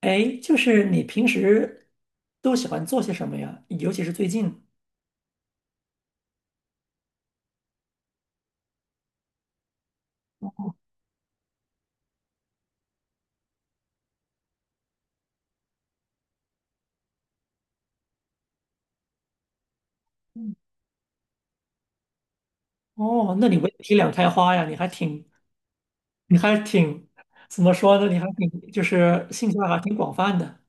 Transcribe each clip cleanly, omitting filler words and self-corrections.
哎，就是你平时都喜欢做些什么呀？尤其是最近。嗯哦，那你文体两开花呀，你还挺，你还挺，怎么说呢？你还挺，就是兴趣爱好挺广泛的。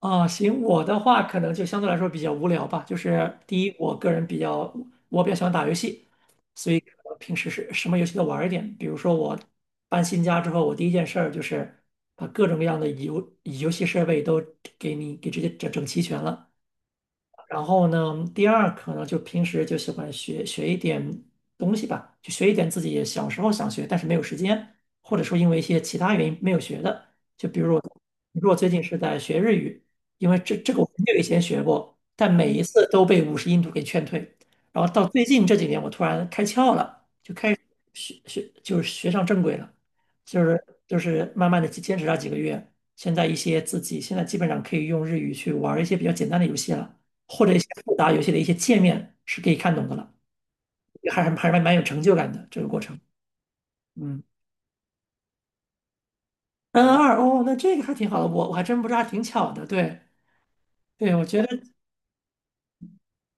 行，我的话可能就相对来说比较无聊吧。就是第一，我个人比较，我比较喜欢打游戏，所以平时是什么游戏都玩儿一点。比如说我搬新家之后，我第一件事儿就是把各种各样的游戏设备都给你给直接整整齐全了。然后呢，第二可能就平时就喜欢学一点东西吧，就学一点自己小时候想学但是没有时间，或者说因为一些其他原因没有学的。就比如我，比如我最近是在学日语，因为这个我很久以前学过，但每一次都被五十音图给劝退。然后到最近这几年，我突然开窍了，学学就是学上正轨了，慢慢的坚持了几个月，现在一些自己现在基本上可以用日语去玩一些比较简单的游戏了，或者一些复杂游戏的一些界面是可以看懂的了，还是蛮有成就感的这个过程。嗯，N 二哦，那这个还挺好的，我还真不知道，还挺巧的。对对，我觉得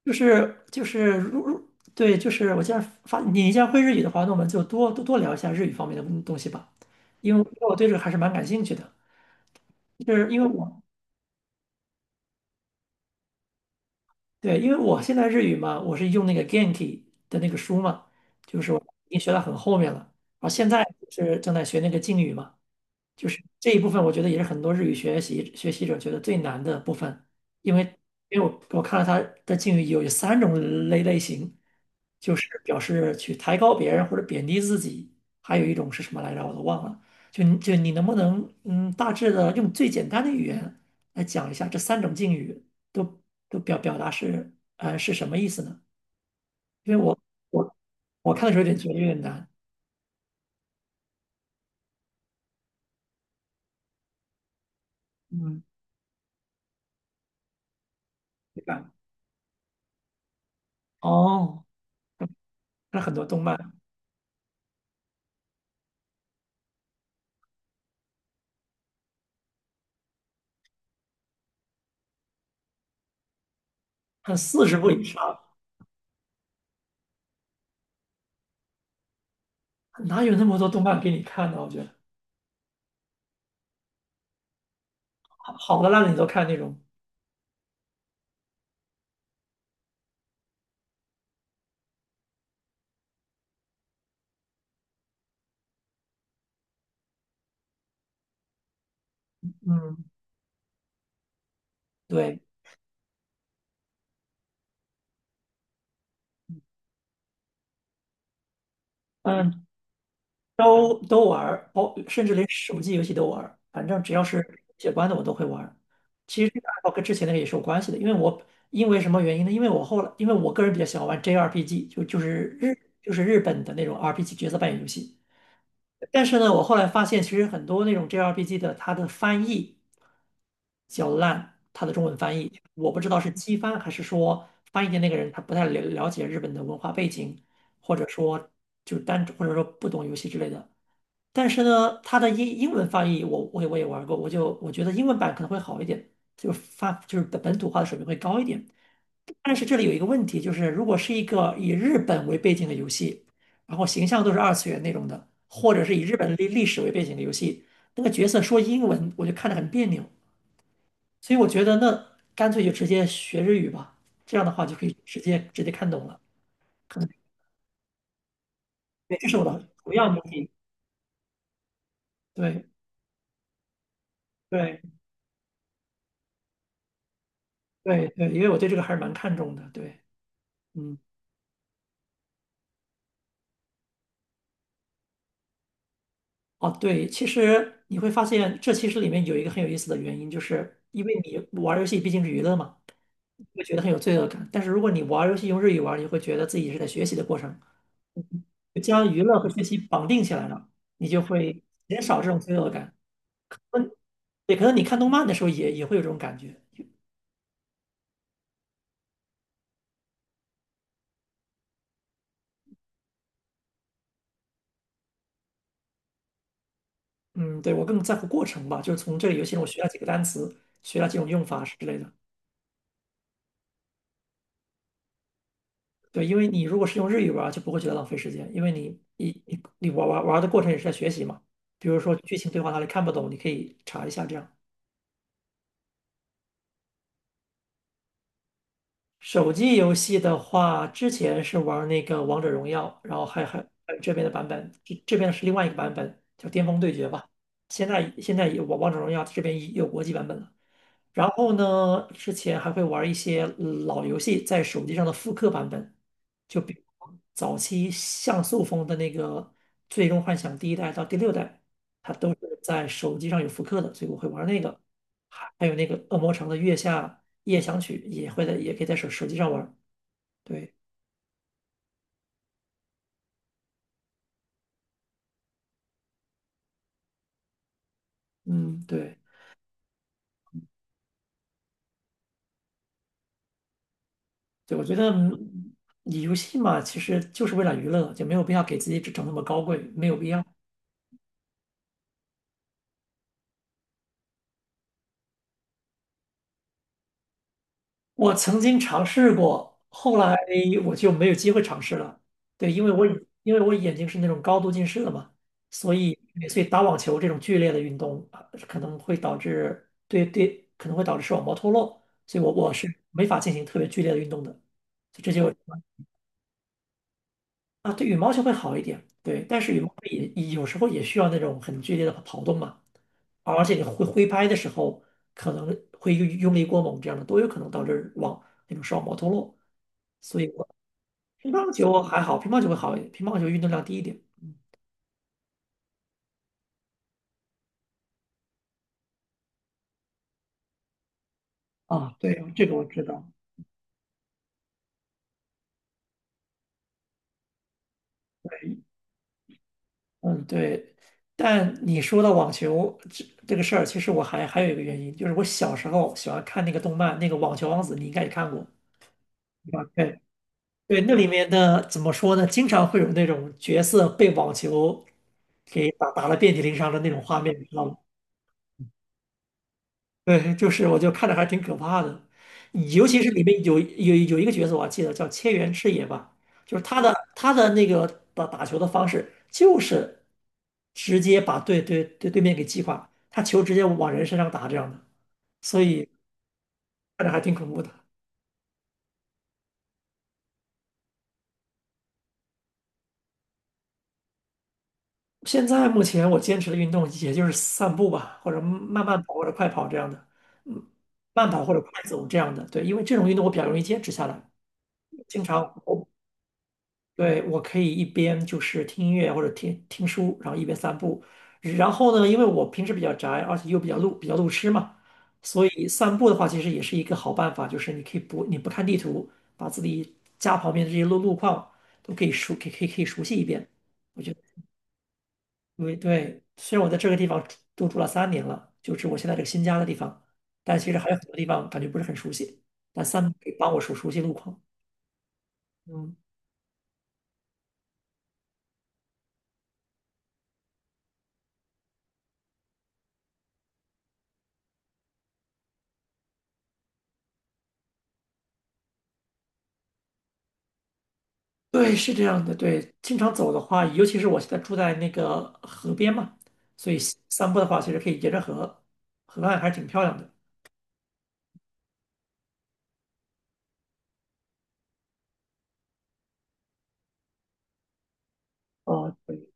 就是就是如如对，就是我既然发你既然会日语的话，那我们就多聊一下日语方面的东西吧，因为我对这个还是蛮感兴趣的。就是因为我对，因为我现在日语嘛，我是用那个 Genki 的那个书嘛，就是我已经学到很后面了，然后现在是正在学那个敬语嘛，就是这一部分我觉得也是很多日语学习者觉得最难的部分，因为因为我我看了他的敬语有三种类型，就是表示去抬高别人或者贬低自己，还有一种是什么来着？我都忘了。就你能不能嗯，大致的用最简单的语言来讲一下这三种敬语都都表达是什么意思呢？因为我我我看的时候觉得有点难，嗯，对吧？哦，看了很多动漫，看四十部以上，哪有那么多动漫给你看呢？我觉得好好的烂的你都看那种，嗯，对。嗯。都都玩儿，包甚至连手机游戏都玩儿，反正只要是写关的我都会玩儿。其实这个爱好跟之前那个也是有关系的，因为什么原因呢？因为我个人比较喜欢玩 JRPG，就就是日就是日本的那种 RPG 角色扮演游戏。但是呢，我后来发现其实很多那种 JRPG 的它的翻译较烂，它的中文翻译我不知道是机翻还是说翻译的那个人他不太了解日本的文化背景，或者说或者说不懂游戏之类的。但是呢，它的英文翻译我也玩过，我觉得英文版可能会好一点，就是发就是本土化的水平会高一点。但是这里有一个问题，就是如果是一个以日本为背景的游戏，然后形象都是二次元那种的，或者是以日本的历史为背景的游戏，那个角色说英文我就看着很别扭，所以我觉得那干脆就直接学日语吧，这样的话就可以直接看懂了，可能对，这是我的主要目的。对对对。因为我对这个还是蛮看重的，对。嗯。哦，对，其实你会发现，这其实里面有一个很有意思的原因，就是因为你玩儿游戏毕竟是娱乐嘛，你会觉得很有罪恶感。但是如果你玩儿游戏用日语玩儿你会觉得自己是在学习的过程，将娱乐和学习绑定起来了，你就会减少这种罪恶感。嗯，对，可能你看动漫的时候也会有这种感觉。嗯，对，我更在乎过程吧，就是从这个游戏中我学了几个单词，学了几种用法之类的。对，因为你如果是用日语玩儿，就不会觉得浪费时间，因为你玩的过程也是在学习嘛。比如说剧情对话哪里看不懂，你可以查一下这样。手机游戏的话，之前是玩那个《王者荣耀》，然后还有这边的版本，这边是另外一个版本叫《巅峰对决》吧。现在王者荣耀这边也有国际版本了。然后呢，之前还会玩一些老游戏在手机上的复刻版本，就比如早期像素风的那个《最终幻想》第一代到第六代，它都是在手机上有复刻的，所以我会玩那个。还有那个《恶魔城》的《月下夜想曲》也会在，也可以在手机上玩。对，嗯，对，对，我觉得你游戏嘛，其实就是为了娱乐，就没有必要给自己整整那么高贵，没有必要。我曾经尝试过，后来嗯我就没有机会尝试了。对，因为我眼睛是那种高度近视的嘛，所以所以打网球这种剧烈的运动啊，可能会导致可能会导致视网膜脱落，所以我是没法进行特别剧烈的运动的。就这就啊，对，羽毛球会好一点，对，但是羽毛球也有时候也需要那种很剧烈的跑动嘛，而且你挥拍的时候可能会用力过猛，这样的都有可能导致网那种视网膜脱落。所以我乒乓球还好，乒乓球会好一点，乒乓球运动量低一点。啊，对，这个我知道。对嗯，对。但你说到网球这个事儿，其实我还有一个原因，就是我小时候喜欢看那个动漫，那个《网球王子》，你应该也看过。对吧对对，那里面的怎么说呢？经常会有那种角色被网球给打了遍体鳞伤的那种画面，你知道吗？对，就是我就看着还挺可怕的，尤其是里面有一个角色我还记得叫千原赤野吧，就是他的那个打球的方式就是直接把对面给击垮，他球直接往人身上打这样的，所以看着还挺恐怖的。现在目前我坚持的运动也就是散步吧，或者慢慢跑或者快跑这样的，嗯，慢跑或者快走这样的。对，因为这种运动我比较容易坚持下来。经常我对我可以一边就是听音乐或者听听书，然后一边散步。然后呢，因为我平时比较宅，而且又比较路痴嘛，所以散步的话其实也是一个好办法，你可以不看地图，把自己家旁边的这些路况都可以熟可以可以可以熟悉一遍。我觉得。对对，虽然我在这个地方住了三年了，就是我现在这个新家的地方，但其实还有很多地方感觉不是很熟悉。但三步可以帮我熟悉路况。嗯，对，是这样的。对，经常走的话，尤其是我现在住在那个河边嘛，所以散步的话，其实可以沿着河岸，还是挺漂亮的。哦，对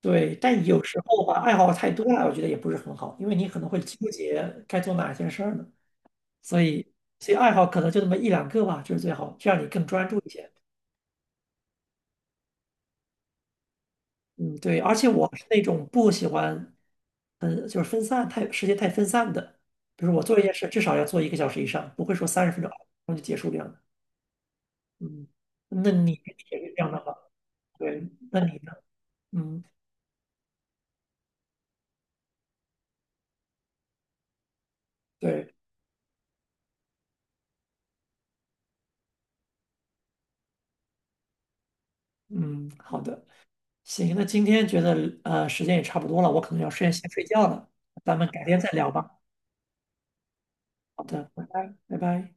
对，但有时候吧，爱好太多了，我觉得也不是很好，因为你可能会纠结该做哪件事儿呢。所以，所以爱好可能就那么一两个吧，就是最好，这样你更专注一些。嗯，对，而且我是那种不喜欢，嗯，就是分散太时间太分散的，比如我做一件事至少要做1个小时以上，不会说30分钟然后就结束这样的。嗯，那你也是这样的吗？对，那你呢？嗯，对，嗯，好的，行，那今天觉得时间也差不多了，我可能要先睡觉了，咱们改天再聊吧。好的，拜拜，拜拜。